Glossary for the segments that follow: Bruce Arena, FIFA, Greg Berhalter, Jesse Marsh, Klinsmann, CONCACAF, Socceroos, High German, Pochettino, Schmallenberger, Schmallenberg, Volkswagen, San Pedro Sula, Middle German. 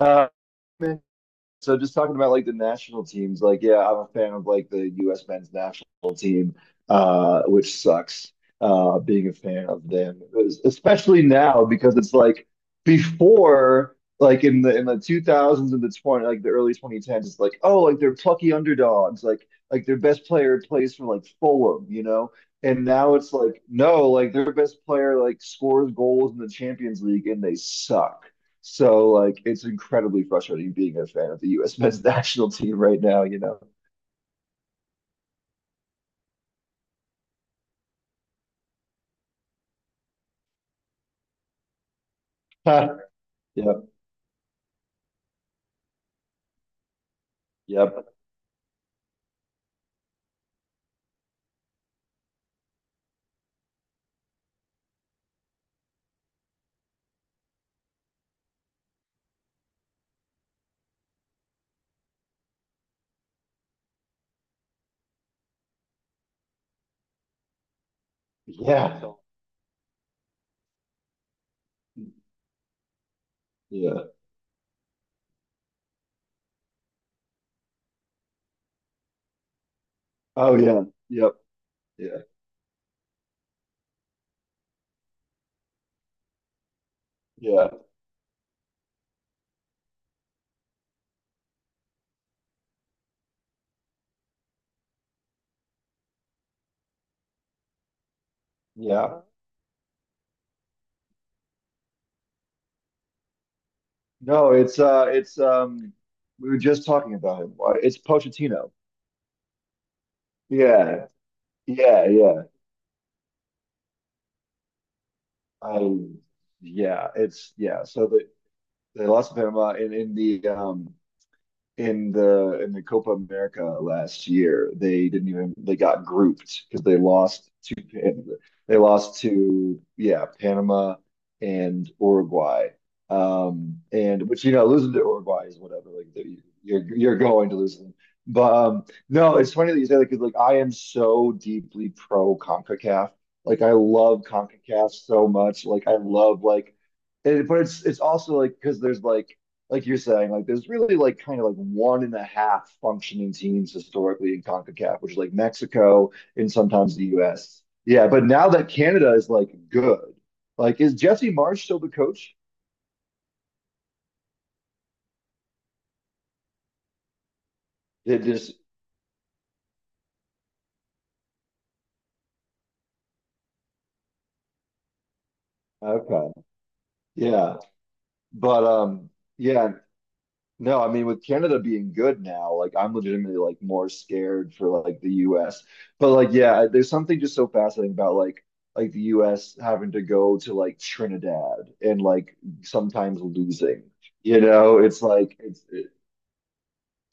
Uh, so just talking about like the national teams, like yeah, I'm a fan of like the U.S. men's national team, which sucks. Being a fan of them, especially now because it's like before, like in the 2000s and the 20 like the early 2010s, it's like oh, like they're plucky underdogs, like their best player plays for like Fulham. And now it's like no, like their best player like scores goals in the Champions League and they suck. So like it's incredibly frustrating being a fan of the US men's national team right now. Yep, yep. Yeah. Yeah. Oh yeah. Yep. Yeah. Yeah. Yeah. No, it's we were just talking about him. It's Pochettino. Yeah. Yeah, yeah. I yeah, it's yeah. So they lost Panama in the Copa America last year, they didn't even they got grouped because they lost to yeah Panama and Uruguay. And which losing to Uruguay is whatever like you're going to lose them. But no, it's funny that you say that because like I am so deeply pro CONCACAF. Like I love CONCACAF so much. Like I love but it's also like because there's like you're saying, like there's really like kind of like one and a half functioning teams historically in CONCACAF, which is like Mexico and sometimes the US. Yeah, but now that Canada is like good, like is Jesse Marsh still the coach? They just okay. Yeah. But yeah, no, I mean with Canada being good now, like I'm legitimately like more scared for like the US. But like yeah, there's something just so fascinating about like the US having to go to like Trinidad and like sometimes losing. You know, it's like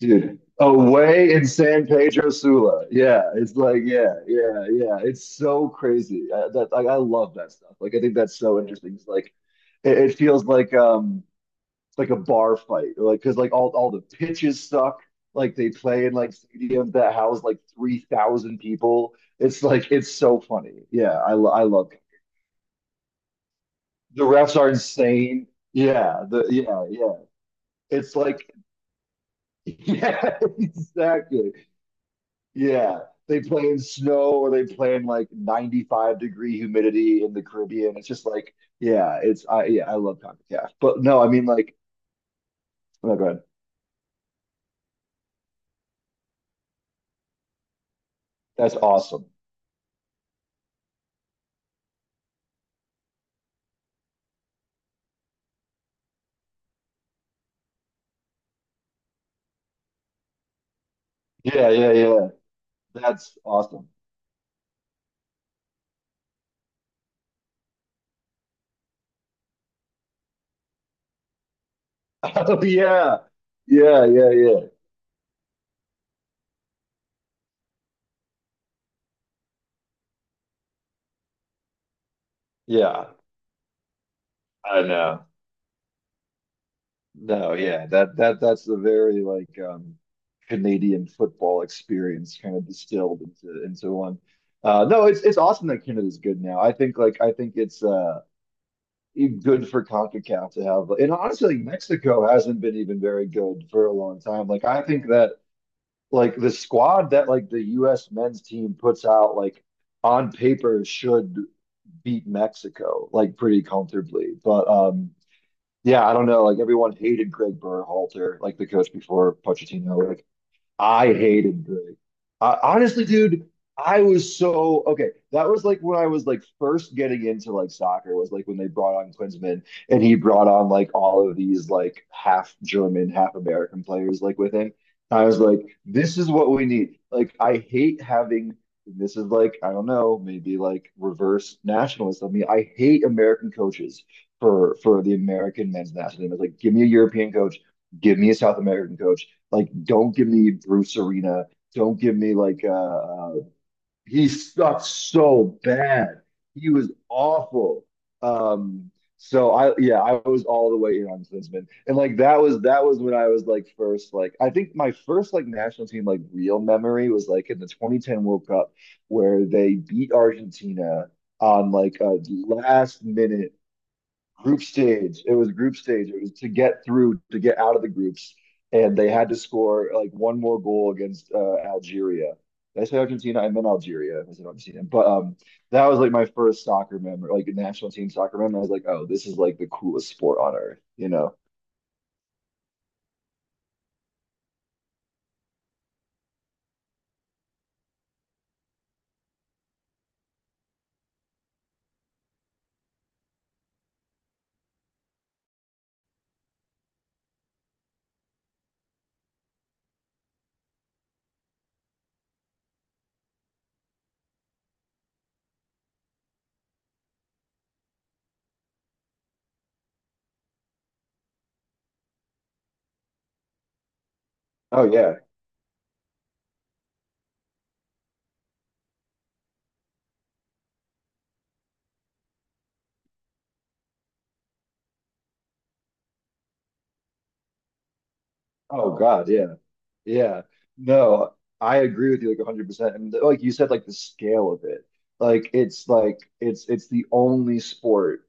dude, away in San Pedro Sula. Yeah, it's like yeah, yeah, yeah. It's so crazy. That like I love that stuff. Like I think that's so interesting. It's like it feels like a bar fight, like because like all the pitches suck. Like they play in like stadiums that house like 3,000 people. It's like it's so funny. Yeah, I love it. The refs are insane. Yeah, the yeah, yeah. It's like yeah, exactly. Yeah, they play in snow or they play in like 95 degree humidity in the Caribbean. It's just like yeah, it's I yeah, I love CONCACAF. But no, I mean like oh go ahead. That's awesome. Yeah, yeah, yeah. That's awesome. Oh yeah. Yeah, yeah, yeah. Yeah. I know. No, yeah. That that's the very like Canadian football experience kind of distilled into one. No, it's awesome that Canada's good now. I think like I think it's good for CONCACAF to have and honestly like, Mexico hasn't been even very good for a long time. Like I think that like the squad that like the US men's team puts out like on paper should beat Mexico like pretty comfortably. But yeah, I don't know. Like everyone hated Greg Berhalter, like the coach before Pochettino. Like I hated the. Honestly, dude, I was so okay. That was like when I was like first getting into like soccer was like when they brought on Klinsmann and he brought on like all of these like half German, half American players like with him. I was like, this is what we need. Like, I hate having this is like, I don't know, maybe like reverse nationalist of me. I hate American coaches for the American men's national team. It's like, give me a European coach, give me a South American coach like, don't give me Bruce Arena. Don't give me like he sucked so bad. He was awful. Um, so I yeah, I was all the way in on Klinsman. And like that was when I was like first like I think my first like national team like real memory was like in the 2010 World Cup where they beat Argentina on like a last minute group stage. It was group stage. It was to get through, to get out of the groups, and they had to score like one more goal against Algeria. Did I say Argentina? I meant Algeria. I said Argentina, but that was like my first soccer memory, like national team soccer memory. I was like, oh, this is like the coolest sport on earth, you know? Oh yeah. Oh God, yeah. Yeah, no, I agree with you like 100%. And like you said, like the scale of it, like it's the only sport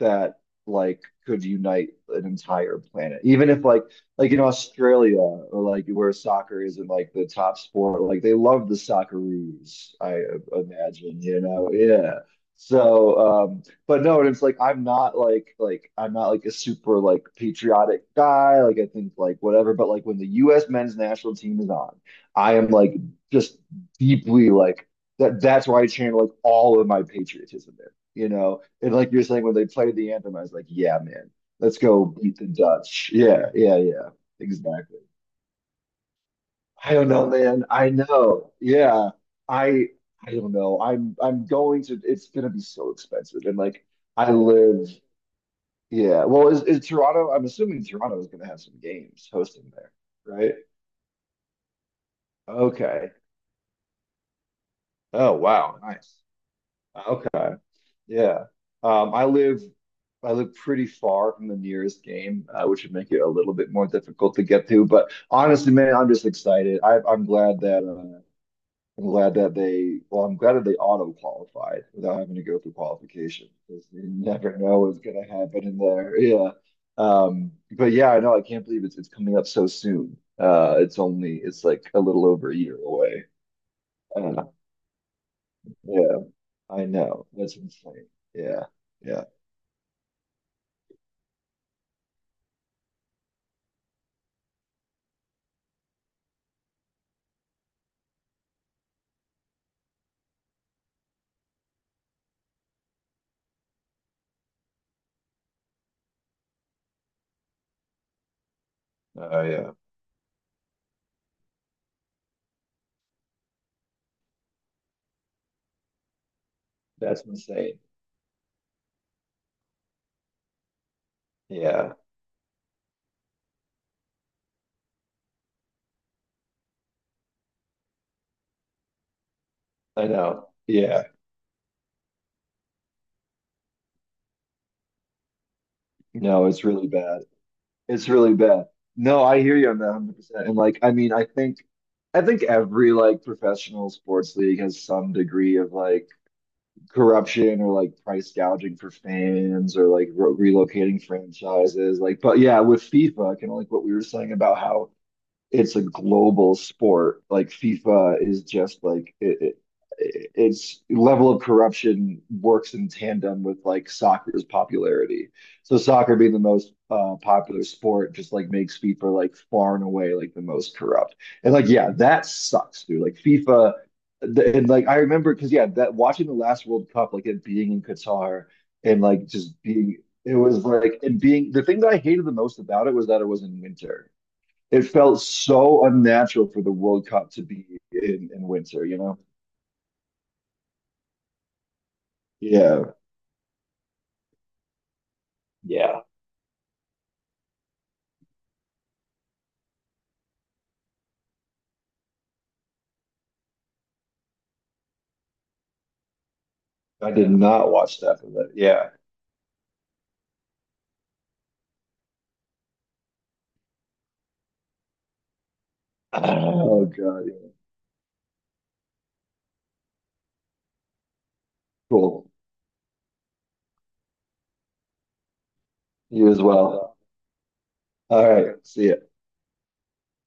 that like could unite an entire planet. Even if like in Australia or like where soccer isn't like the top sport, like they love the Socceroos, I imagine, you know? Yeah. So um, but no, and it's like I'm not like I'm not like a super like patriotic guy. Like I think like whatever, but like when the U.S. men's national team is on, I am like just deeply like that. That's why I channel like all of my patriotism in. And like you're saying, when they played the anthem, I was like, yeah, man, let's go beat the Dutch. Yeah, yeah, yeah, exactly. I don't know, man. I know. Yeah, I I don't know. I'm going to. It's gonna be so expensive, and like. I live yeah. Well, is Toronto? I'm assuming Toronto is going to have some games hosting there, right? Okay. Oh, wow. Nice. Okay. Yeah. Um, I live I live pretty far from the nearest game, which would make it a little bit more difficult to get to. But honestly, man, I'm just excited. I'm glad that they auto qualified without having to go through qualification because you never know what's going to happen in there. Yeah. But yeah, I know I can't believe it's coming up so soon. It's like a little over a year away. Uh, yeah, I know. That's insane. Yeah. Yeah. Oh yeah. That's insane. Yeah. I know. Yeah. No, it's really bad. It's really bad. No, I hear you on that 100%. And like, I mean, I think every like professional sports league has some degree of like corruption or like price gouging for fans or like re relocating franchises. Like, but yeah, with FIFA, kind of like what we were saying about how it's a global sport. Like FIFA is just like its level of corruption works in tandem with like soccer's popularity. So soccer being the most popular sport just like makes FIFA like far and away like the most corrupt. And like yeah, that sucks, dude. Like FIFA and like I remember because yeah, that watching the last World Cup, like it being in Qatar and like just being It was like, and being the thing that I hated the most about it was that it was in winter it felt so unnatural for the World Cup to be in winter, you know? Yeah. Yeah. I did not watch that for that. Yeah. Oh God. Yeah. Cool. You as well. All right. See ya.